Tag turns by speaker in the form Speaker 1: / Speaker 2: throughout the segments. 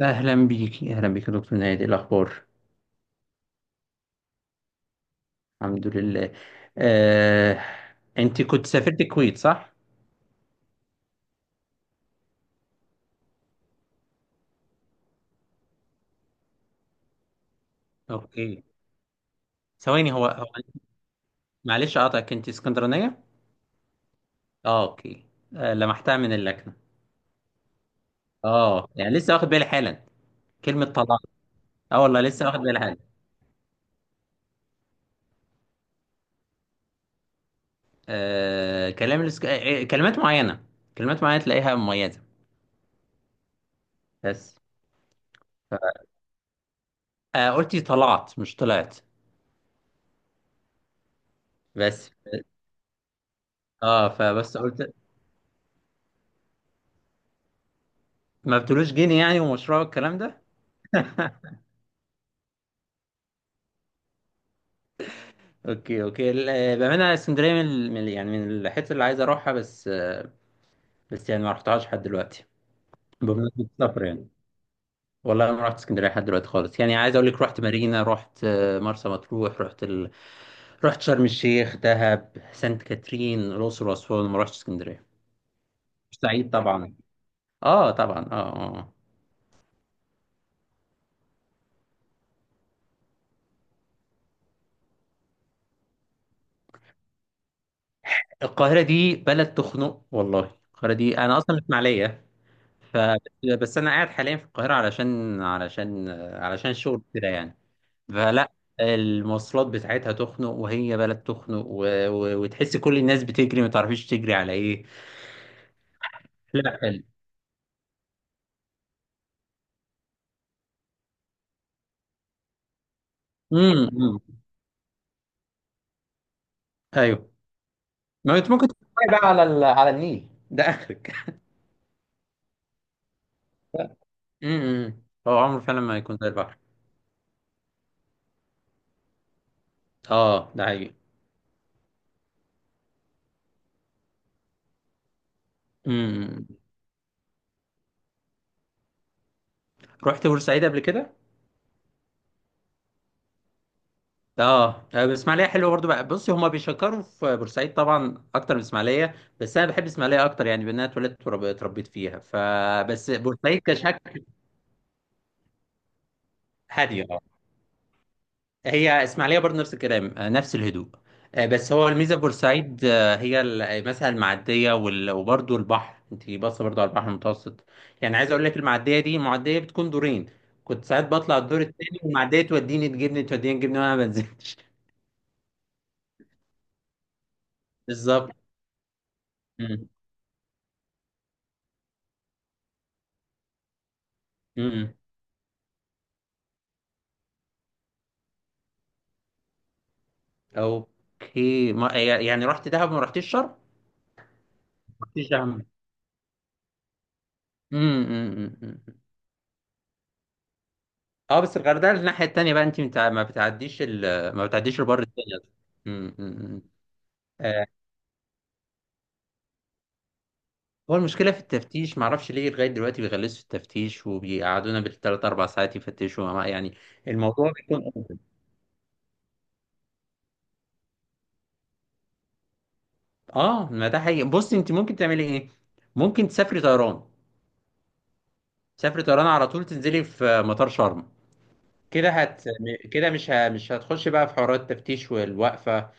Speaker 1: أهلا بيكي يا دكتور نهاد، إيه الأخبار؟ الحمد لله. آه، أنت كنت سافرت الكويت، صح؟ أوكي. ثواني، هو هو معلش أقطعك، أنت اسكندرانية؟ أه، أوكي. لمحتها من اللكنة. أه، يعني لسه واخد بالي حالا. كلمة طلاق. أه والله لسه واخد بالي حالا. آه، كلام الاسك... آه، آه، كلمات معينة. كلمات معينة تلاقيها مميزة. بس. آه، قلتي طلعت مش طلعت. بس اه فبس قلت. ما بتقولوش جنيه يعني، ومشروع والكلام ده. اوكي اوكي، بامانه اسكندريه من يعني من الحته اللي عايز اروحها، بس. يعني ما رحتهاش لحد دلوقتي. بمناسبه السفر يعني، والله ما رحت اسكندريه لحد دلوقتي خالص. يعني عايز اقول لك، رحت مارينا، رحت مرسى مطروح، رحت رحت شرم الشيخ، دهب، سانت كاترين، الاقصر واسوان، ما رحتش اسكندريه. سعيد طبعا. اه طبعا، اه. القاهره دي بلد تخنق والله. القاهره دي انا اصلا من اسماعيليه. ف بس انا قاعد حاليا في القاهره علشان علشان الشغل كده يعني. فلا المواصلات بتاعتها تخنق، وهي بلد تخنق، وتحس كل الناس بتجري، ما تعرفيش تجري على ايه. لا، حلو. امم. أمم. ايوه. ما انت ممكن تتفرج بقى على النيل، ده اخرك. امم. هو عمره فعلا ما يكون زي البحر. اه ده حقيقي. امم امم. رحت بورسعيد قبل كده؟ اه، الاسماعيليه حلوه برضو بقى، بصي، هما بيشكروا في بورسعيد طبعا اكتر من اسماعيليه. بس انا بحب اسماعيليه اكتر يعني، بان انا اتولدت وتربيت فيها، فبس بورسعيد كشكل هاديه. هي اسماعيليه برضه نفس الكلام، نفس الهدوء. بس هو الميزه في بورسعيد، آه، هي ال- آه، مثلا المعديه وبرضه البحر، انت باصه برضه على البحر المتوسط. يعني عايز اقول لك، المعديه دي معديه بتكون دورين، كنت ساعات بطلع الدور الثاني، والمعديه توديني تجيبني وانا ما بنزلش. بالظبط. مم. مم. اوكي، ما يعني رحت دهب، ما رحتيش شرم؟ ما رحتيش دهب؟ مم. مم. مم. مم. اه، بس الغردقه الناحيه التانيه بقى، انت ما بتعديش ما بتعديش البر التاني أصلاً. مم. مم. مم. آه، هو المشكلة في التفتيش، معرفش ليه لغاية دلوقتي بيغلسوا في التفتيش وبيقعدونا بالتلات أربع ساعات يفتشوا يعني الموضوع بيكون. اه ما ده حقيقي. بص، انت ممكن تعملي ايه؟ ممكن تسافري طيران، تسافري طيران على طول، تنزلي في مطار شرم، كده هت كده مش هتخش بقى في حوارات التفتيش، والوقفة،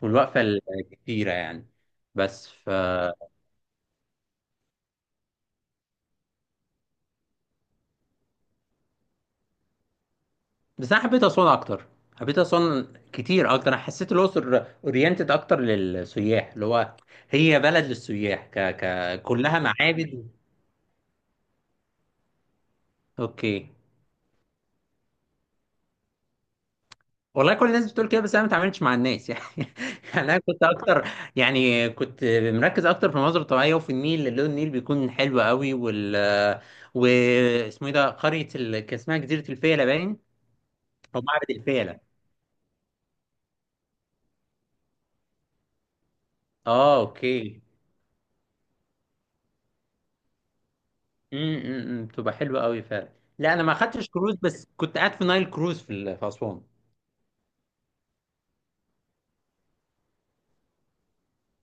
Speaker 1: والوقفة الكتيرة يعني. بس ف بس انا حبيت اسوان اكتر. حبيت اسوان كتير اكتر، انا حسيت الاقصر اورينتد اكتر للسياح، اللي هو هي بلد للسياح، كلها معابد. اوكي. والله كل الناس بتقول كده، بس انا ما اتعاملتش مع الناس يعني. يعني انا كنت اكتر يعني كنت مركز اكتر في المناظر الطبيعيه وفي النيل، لون النيل بيكون حلو قوي. واسمه ايه ده، قريه كان اسمها جزيره الفيله باين، او معبد الفيله. اه اوكي. امم، بتبقى حلوه قوي فعلا. لا انا ما خدتش كروز، بس كنت قاعد في نايل كروز في اسوان.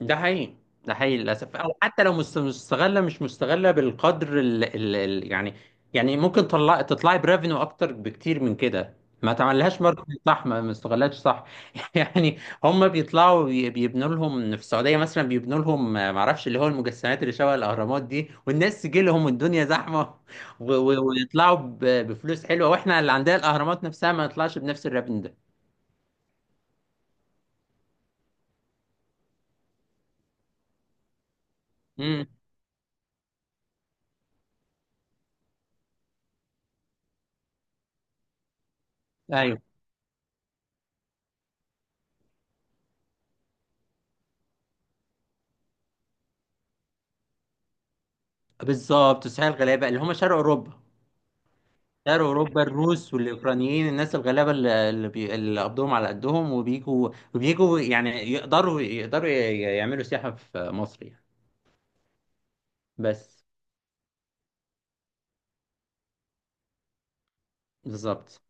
Speaker 1: ده حقيقي. ده حقيقي للاسف. او حتى لو مستغله مش مستغله بالقدر يعني، يعني ممكن تطلعي بريفينيو اكتر بكتير من كده. ما تعملهاش ماركتنج صح، ما استغلتش صح، يعني. هم بيبنوا لهم في السعوديه مثلا، بيبنوا لهم ما اعرفش اللي هو المجسمات اللي شبه الاهرامات دي، والناس تجي لهم والدنيا زحمه، ويطلعوا بفلوس حلوه، واحنا اللي عندنا الاهرامات نفسها ما نطلعش بنفس الريفينيو ده. امم. ايوه بالظبط، السعوديه الغلابه اللي هم شرق اوروبا. شرق اوروبا، الروس والاوكرانيين، الناس الغلابه اللي اللي بي- اللي قبضهم على قدهم، وبيجوا وبيجوا يعني، يعملوا سياحه في مصر يعني. بس. بالظبط.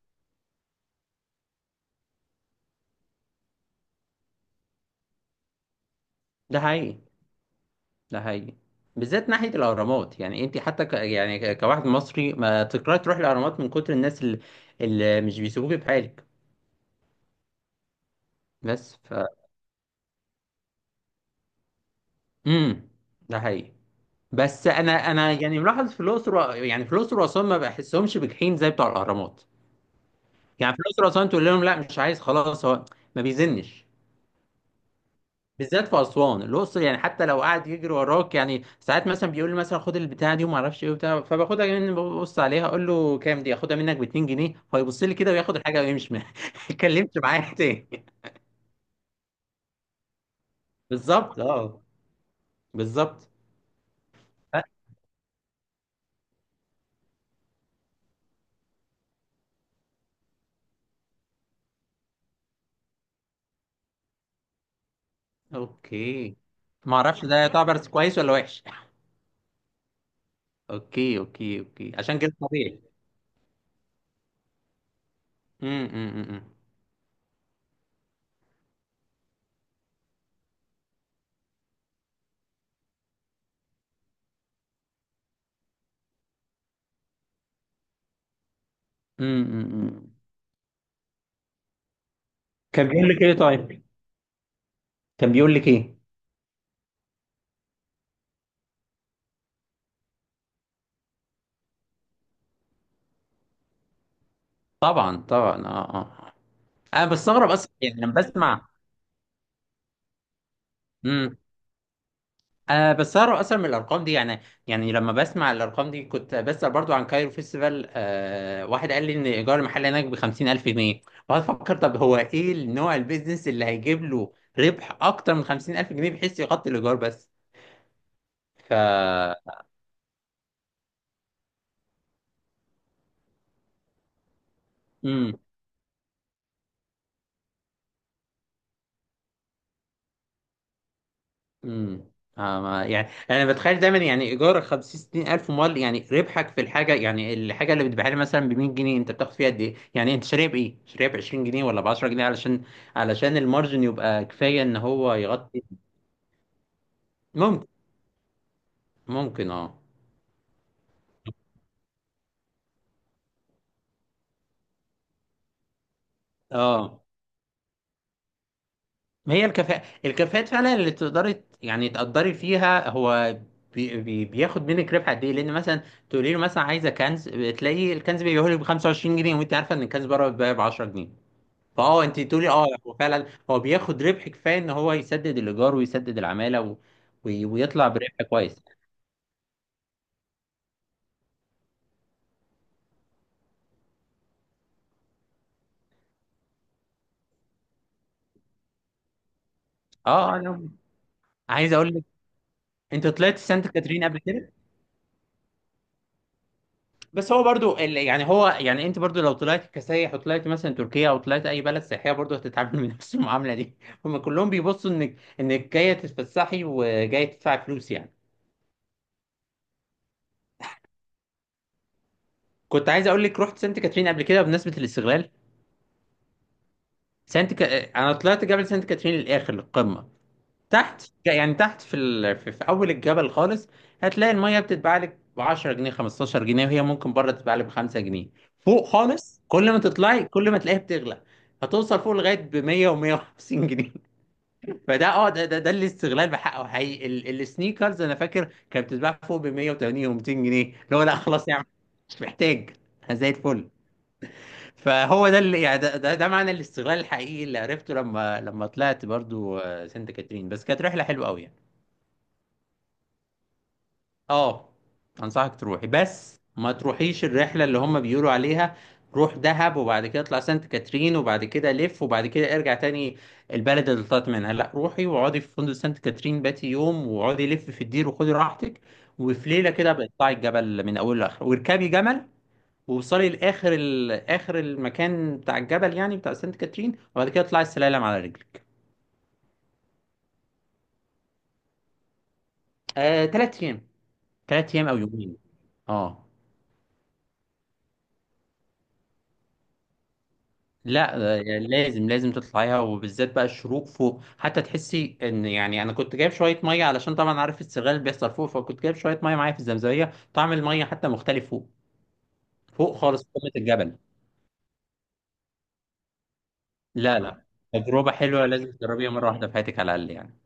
Speaker 1: ده حقيقي. ده حقيقي. بالذات ناحيه الاهرامات، يعني انت حتى كواحد مصري ما تكرهي تروح الاهرامات من كتر الناس اللي، اللي مش بيسيبوك بحالك. بس ف امم. ده حقيقي. بس انا انا يعني ملاحظ في الاقصر يعني في الاقصر واسوان ما بحسهمش بجحيم زي بتوع الاهرامات. يعني في الاقصر واسوان تقول لهم لا مش عايز خلاص، هو ما بيزنش. بالذات في اسوان الاقصر، يعني حتى لو قاعد يجري وراك، يعني ساعات مثلا بيقول لي مثلا خد البتاعه دي وما اعرفش ايه وبتاع، فباخدها مني ببص عليها، اقول له كام دي؟ اخدها منك ب 2 جنيه، فيبص لي كده وياخد الحاجه ويمشي ما اتكلمش معايا تاني. بالظبط اه. بالظبط. أ- اوكي، ما اعرفش ده يعتبر كويس ولا وحش. اوكي اوكي اوكي، عشان كده طبيعي. امم. امم. أمم. كان بيقول لك ايه طيب؟ كان بيقول لك ايه؟ طبعا طبعا اه اه. انا بستغرب اصلا يعني لما بسمع. امم. انا بستغرب اصلا من الارقام دي يعني. يعني لما بسمع الارقام دي، كنت بسأل برضو عن كايرو فيستيفال، آه واحد قال لي ان ايجار المحل هناك ب 50,000 جنيه. فافكر، طب هو ايه النوع البيزنس اللي هيجيب له ربح اكتر من 50,000 جنيه بحيث يغطي الايجار. بس ف امم. يعني انا بتخيل دايما يعني ايجار 50 60 الف مال، يعني ربحك في الحاجه، يعني الحاجه اللي بتبيعها لي مثلا ب 100 جنيه، انت بتاخد فيها قد ايه يعني؟ انت شاريها بايه، شاريها ب 20 جنيه ولا ب 10 جنيه، علشان علشان المارجن يبقى كفايه ان هو يغطي. ممكن. ممكن اه. اه. ما هي الكفاءه، الكفاءات فعلا اللي يعني تقدري فيها، هو بي بي بياخد منك ربح قد ايه، لان مثلا تقولي له مثلا عايزه كنز، تلاقي الكنز بيبيعه لك ب 25 جنيه، وانت عارفه ان الكنز بره بيتباع ب 10 جنيه، فاه انت تقولي اه، هو فعلا هو بياخد ربح كفايه ان هو يسدد الايجار ويسدد العماله ويطلع بربح كويس. اه. انا عايز اقول لك، انت طلعت سانت كاترين قبل كده؟ بس هو برضو ال... يعني هو يعني انت برضو لو طلعت كسايح وطلعت مثلا تركيا او طلعت اي بلد سياحيه، برضو هتتعامل من نفس المعامله دي. هما كلهم بيبصوا انك انك جايه تتفسحي وجايه تدفعي فلوس يعني. كنت عايز اقول لك رحت سانت كاترين قبل كده بمناسبه الاستغلال. انا طلعت جبل سانت كاترين للاخر، للقمه. تحت يعني، تحت في ال... في في اول الجبل خالص، هتلاقي الميه بتتباع لك ب 10 جنيه، 15 جنيه، وهي ممكن بره تتباع لك ب 5 جنيه. فوق خالص، كل ما تطلعي كل ما تلاقيها بتغلى، هتوصل فوق لغايه ب 100 و150 جنيه. فده اه ده ده, ده الاستغلال بحقه حقيقي. السنيكرز انا فاكر كانت بتتباع فوق ب 180 و200 جنيه، اللي هو لا خلاص يا عم مش محتاج، أنا زي الفل. فهو ده اللي يعني، ده معنى الاستغلال الحقيقي اللي عرفته لما لما طلعت برضو سانت كاترين. بس كانت رحله حلوه قوي يعني. اه. انصحك تروحي، بس ما تروحيش الرحله اللي هم بيقولوا عليها، روح دهب وبعد كده اطلع سانت كاترين وبعد كده لف وبعد كده ارجع تاني البلد اللي طلعت منها. لا، روحي واقعدي في فندق سانت كاترين باتي يوم، واقعدي لف في الدير وخدي راحتك، وفي ليله كده بتطلعي الجبل من اوله لاخره، واركبي جمل، ووصلي لاخر اخر المكان بتاع الجبل يعني بتاع سانت كاترين، وبعد كده اطلعي السلالم على رجلك. تلات ايام. تلات ايام او يومين. اه. لا يعني لازم لازم تطلعيها، وبالذات بقى الشروق فوق، حتى تحسي ان يعني، انا كنت جايب شويه ميه، علشان طبعا عارف السرغال اللي بيحصل فوق، فكنت جايب شويه ميه معايا في الزمزميه، طعم الميه حتى مختلف فوق، فوق خالص في قمه الجبل. لا. تجربه حلوه، لازم تجربيها مره واحده في حياتك على الاقل يعني.